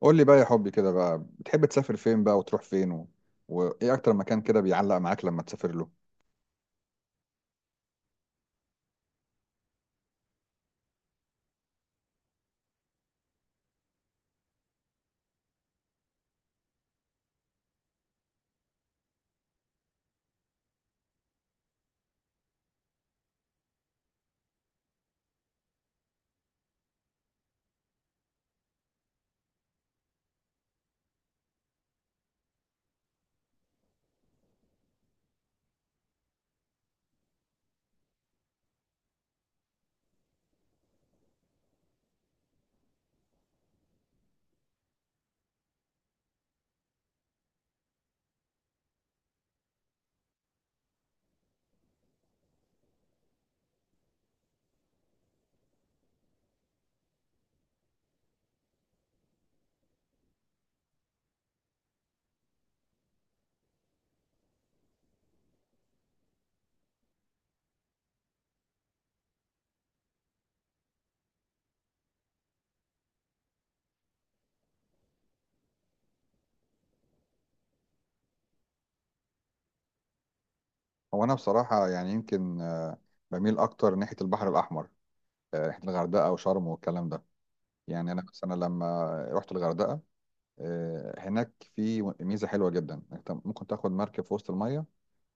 قول لي بقى يا حبي كده بقى بتحب تسافر فين بقى وتروح فين وايه اكتر مكان كده بيعلق معاك لما تسافر له؟ هو انا بصراحة يعني يمكن بميل اكتر ناحية البحر الاحمر، ناحية الغردقة وشرم والكلام ده. يعني انا مثلا لما رحت الغردقة، هناك في ميزة حلوة جدا، انت ممكن تاخد مركب في وسط المية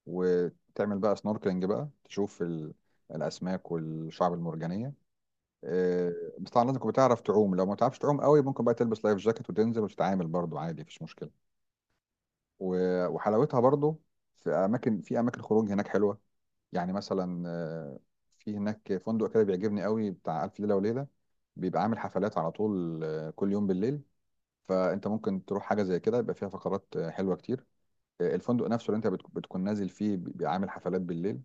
وتعمل بقى سنوركلينج بقى تشوف الاسماك والشعب المرجانية. آه، بس طبعا لازم تكون بتعرف تعوم، لو ما تعرفش تعوم قوي ممكن بقى تلبس لايف جاكيت وتنزل وتتعامل برضو عادي، مفيش مشكلة. و- وحلاوتها برضو في اماكن خروج هناك حلوه. يعني مثلا في هناك فندق كده بيعجبني قوي بتاع الف ليله وليله، بيبقى عامل حفلات على طول كل يوم بالليل. فانت ممكن تروح حاجه زي كده يبقى فيها فقرات حلوه كتير. الفندق نفسه اللي انت بتكون نازل فيه بيبقى عامل حفلات بالليل،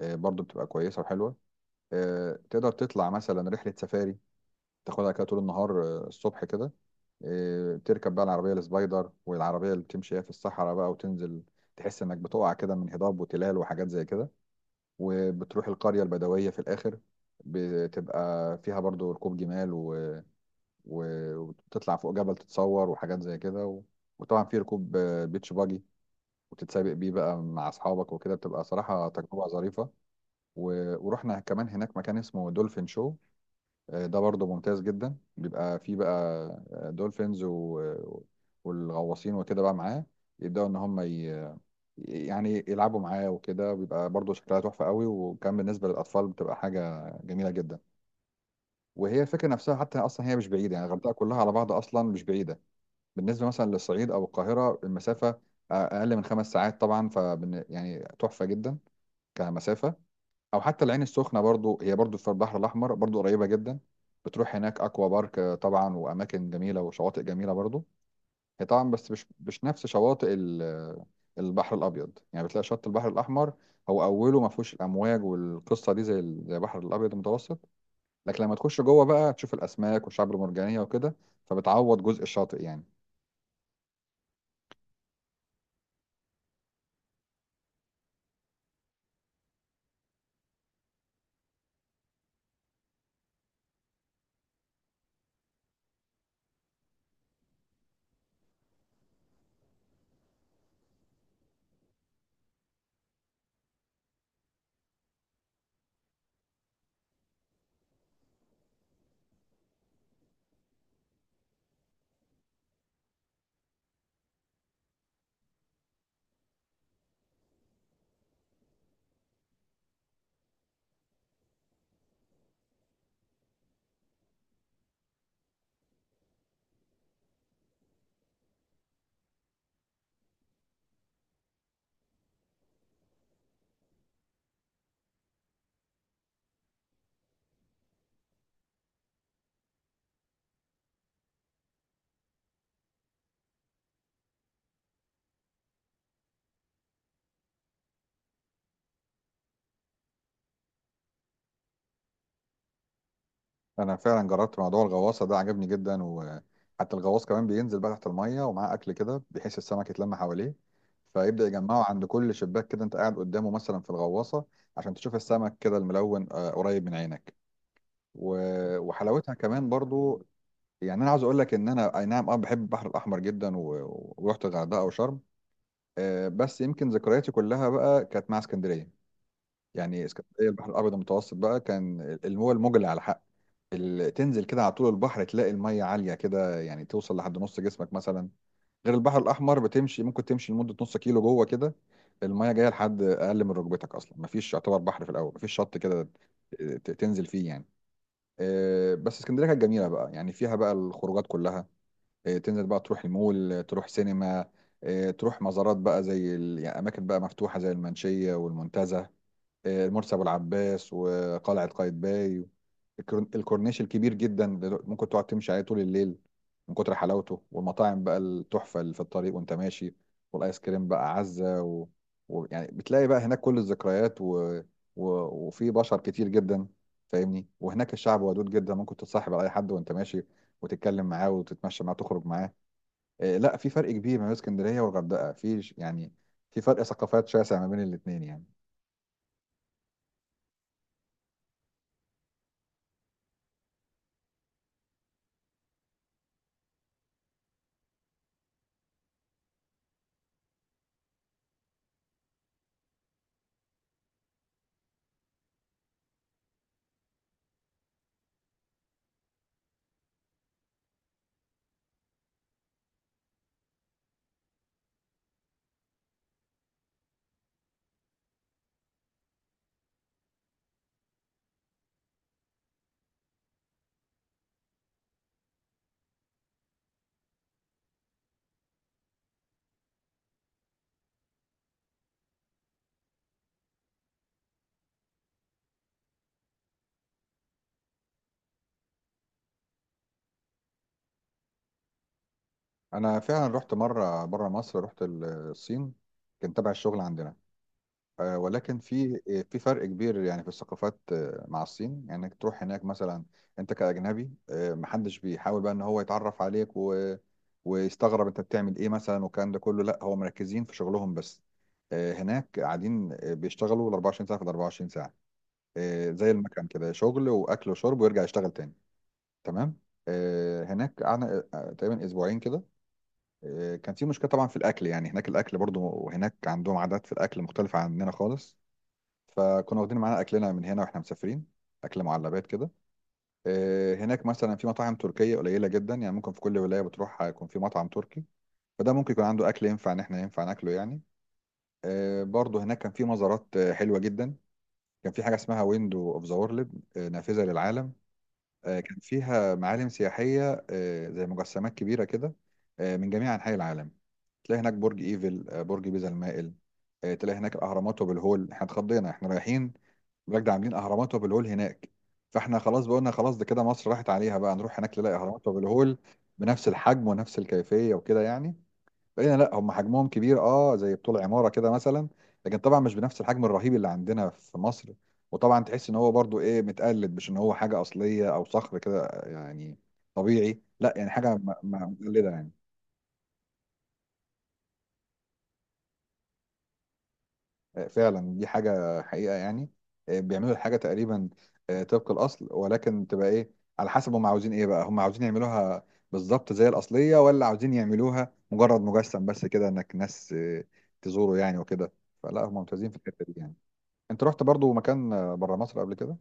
برضو بتبقى كويسه وحلوه. تقدر تطلع مثلا رحله سفاري تاخدها كده طول النهار، الصبح كده. إيه، تركب بقى العربية السبايدر والعربية اللي بتمشي هي في الصحراء بقى وتنزل، تحس انك بتقع كده من هضاب وتلال وحاجات زي كده، وبتروح القرية البدوية في الآخر، بتبقى فيها برضو ركوب جمال و... و... وتطلع فوق جبل تتصور وحاجات زي كده وطبعا في ركوب بيتش باجي وتتسابق بيه بقى مع أصحابك وكده، بتبقى صراحة تجربة ظريفة. ورحنا كمان هناك مكان اسمه دولفين شو، ده برضه ممتاز جدا، بيبقى فيه بقى دولفينز والغواصين وكده بقى معاه يبدأوا إن هم يعني يلعبوا معاه وكده، وبيبقى برضه شكلها تحفة قوي، وكان بالنسبة للأطفال بتبقى حاجة جميلة جدا. وهي الفكرة نفسها حتى أصلا هي مش بعيدة، يعني الغردقة كلها على بعض أصلا مش بعيدة بالنسبة مثلا للصعيد أو القاهرة. المسافة أقل من 5 ساعات طبعا، ف يعني تحفة جدا كمسافة. او حتى العين السخنه برضو هي برضو في البحر الاحمر، برضو قريبه جدا، بتروح هناك اكوا بارك، طبعا واماكن جميله وشواطئ جميله برضو. هي طبعا بس مش نفس شواطئ البحر الابيض، يعني بتلاقي شط البحر الاحمر هو اوله ما فيهوش الامواج والقصه دي زي زي البحر الابيض المتوسط، لكن لما تخش جوه بقى تشوف الاسماك والشعب المرجانيه وكده، فبتعوض جزء الشاطئ يعني. انا فعلا جربت موضوع الغواصه ده، عجبني جدا. وحتى الغواص كمان بينزل بقى تحت الميه ومعاه اكل كده بحيث السمك يتلم حواليه، فيبدا يجمعه عند كل شباك كده انت قاعد قدامه مثلا في الغواصه عشان تشوف السمك كده الملون، قريب من عينك. و- وحلاوتها كمان برضو. يعني انا عاوز اقول لك ان انا اي نعم اه بحب البحر الاحمر جدا، و- ورحت الغردقه وشرم. بس يمكن ذكرياتي كلها بقى كانت مع اسكندريه. يعني اسكندريه البحر الابيض المتوسط بقى كان المول المجلي على حق. تنزل كده على طول البحر تلاقي المية عالية كده، يعني توصل لحد نص جسمك مثلا، غير البحر الأحمر بتمشي، ممكن تمشي لمدة نص كيلو جوه كده، المية جاية لحد أقل من ركبتك، أصلا مفيش، يعتبر بحر في الأول مفيش شط كده تنزل فيه يعني. بس اسكندرية كانت جميلة بقى، يعني فيها بقى الخروجات كلها. تنزل بقى تروح المول، تروح سينما، تروح مزارات بقى زي يعني أماكن بقى مفتوحة زي المنشية والمنتزه، مرسي ابو العباس وقلعه قايتباي. الكورنيش الكبير جدا اللي ممكن تقعد تمشي عليه طول الليل من كتر حلاوته، والمطاعم بقى التحفه اللي في الطريق وانت ماشي، والايس كريم بقى عزه يعني بتلاقي بقى هناك كل الذكريات و... وفي بشر كتير جدا، فاهمني. وهناك الشعب ودود جدا، ممكن تتصاحب على اي حد وانت ماشي وتتكلم معاه وتتمشى معاه تخرج معاه. لا، في فرق كبير ما بين اسكندريه والغردقه في يعني في فرق ثقافات شاسع ما بين الاثنين يعني. انا فعلا رحت مره بره مصر، رحت الصين، كان تبع الشغل عندنا. ولكن في فرق كبير يعني في الثقافات مع الصين. يعني انك تروح هناك مثلا انت كاجنبي، محدش بيحاول بقى ان هو يتعرف عليك ويستغرب انت بتعمل ايه مثلا والكلام ده كله، لا هو مركزين في شغلهم بس. هناك قاعدين بيشتغلوا ال 24 ساعه في ال 24 ساعه. زي المكان كده، شغل واكل وشرب ويرجع يشتغل تاني. تمام. هناك قعدنا تقريبا اسبوعين كده. كان في مشكله طبعا في الاكل، يعني هناك الاكل برضو وهناك عندهم عادات في الاكل مختلفه عننا خالص، فكنا واخدين معانا اكلنا من هنا واحنا مسافرين، اكل معلبات كده. هناك مثلا في مطاعم تركيه قليله جدا، يعني ممكن في كل ولايه بتروح هيكون في مطعم تركي، فده ممكن يكون عنده اكل ينفع ان احنا ينفع ناكله يعني. برضو هناك كان في مزارات حلوه جدا، كان في حاجه اسمها ويندو اوف ذا وورلد، نافذه للعالم. كان فيها معالم سياحيه زي مجسمات كبيره كده من جميع انحاء العالم. تلاقي هناك برج ايفل، برج بيزا المائل، تلاقي هناك اهرامات وابو الهول، احنا اتخضينا احنا رايحين بجد عاملين اهرامات وابو الهول هناك. فاحنا خلاص بقولنا خلاص ده كده مصر راحت عليها بقى، نروح هناك نلاقي اهرامات وابو الهول بنفس الحجم ونفس الكيفيه وكده يعني. لقينا لا، هم حجمهم كبير اه، زي بطول عماره كده مثلا، لكن طبعا مش بنفس الحجم الرهيب اللي عندنا في مصر. وطبعا تحس ان هو برضو ايه، متقلد، مش ان هو حاجه اصليه او صخر كده، يعني طبيعي، لا، يعني حاجه مقلده يعني. فعلا دي حاجة حقيقة يعني. بيعملوا الحاجة تقريبا طبق الأصل، ولكن تبقى إيه على حسب هم عاوزين إيه بقى، هم عاوزين يعملوها بالظبط زي الأصلية، ولا عاوزين يعملوها مجرد مجسم بس كده إنك ناس تزوره يعني وكده. فلا هم ممتازين في الحتة دي يعني. أنت رحت برضو مكان بره مصر قبل كده؟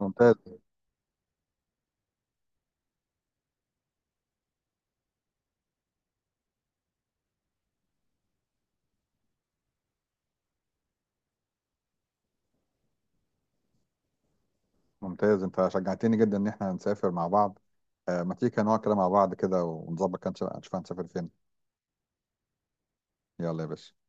ممتاز. ممتاز، أنت شجعتني جدا إن إحنا نسافر مع بعض، ما تيجي كده نقعد كده مع بعض كده ونظبط كده، نشوف هنسافر فين. يلا يا باشا.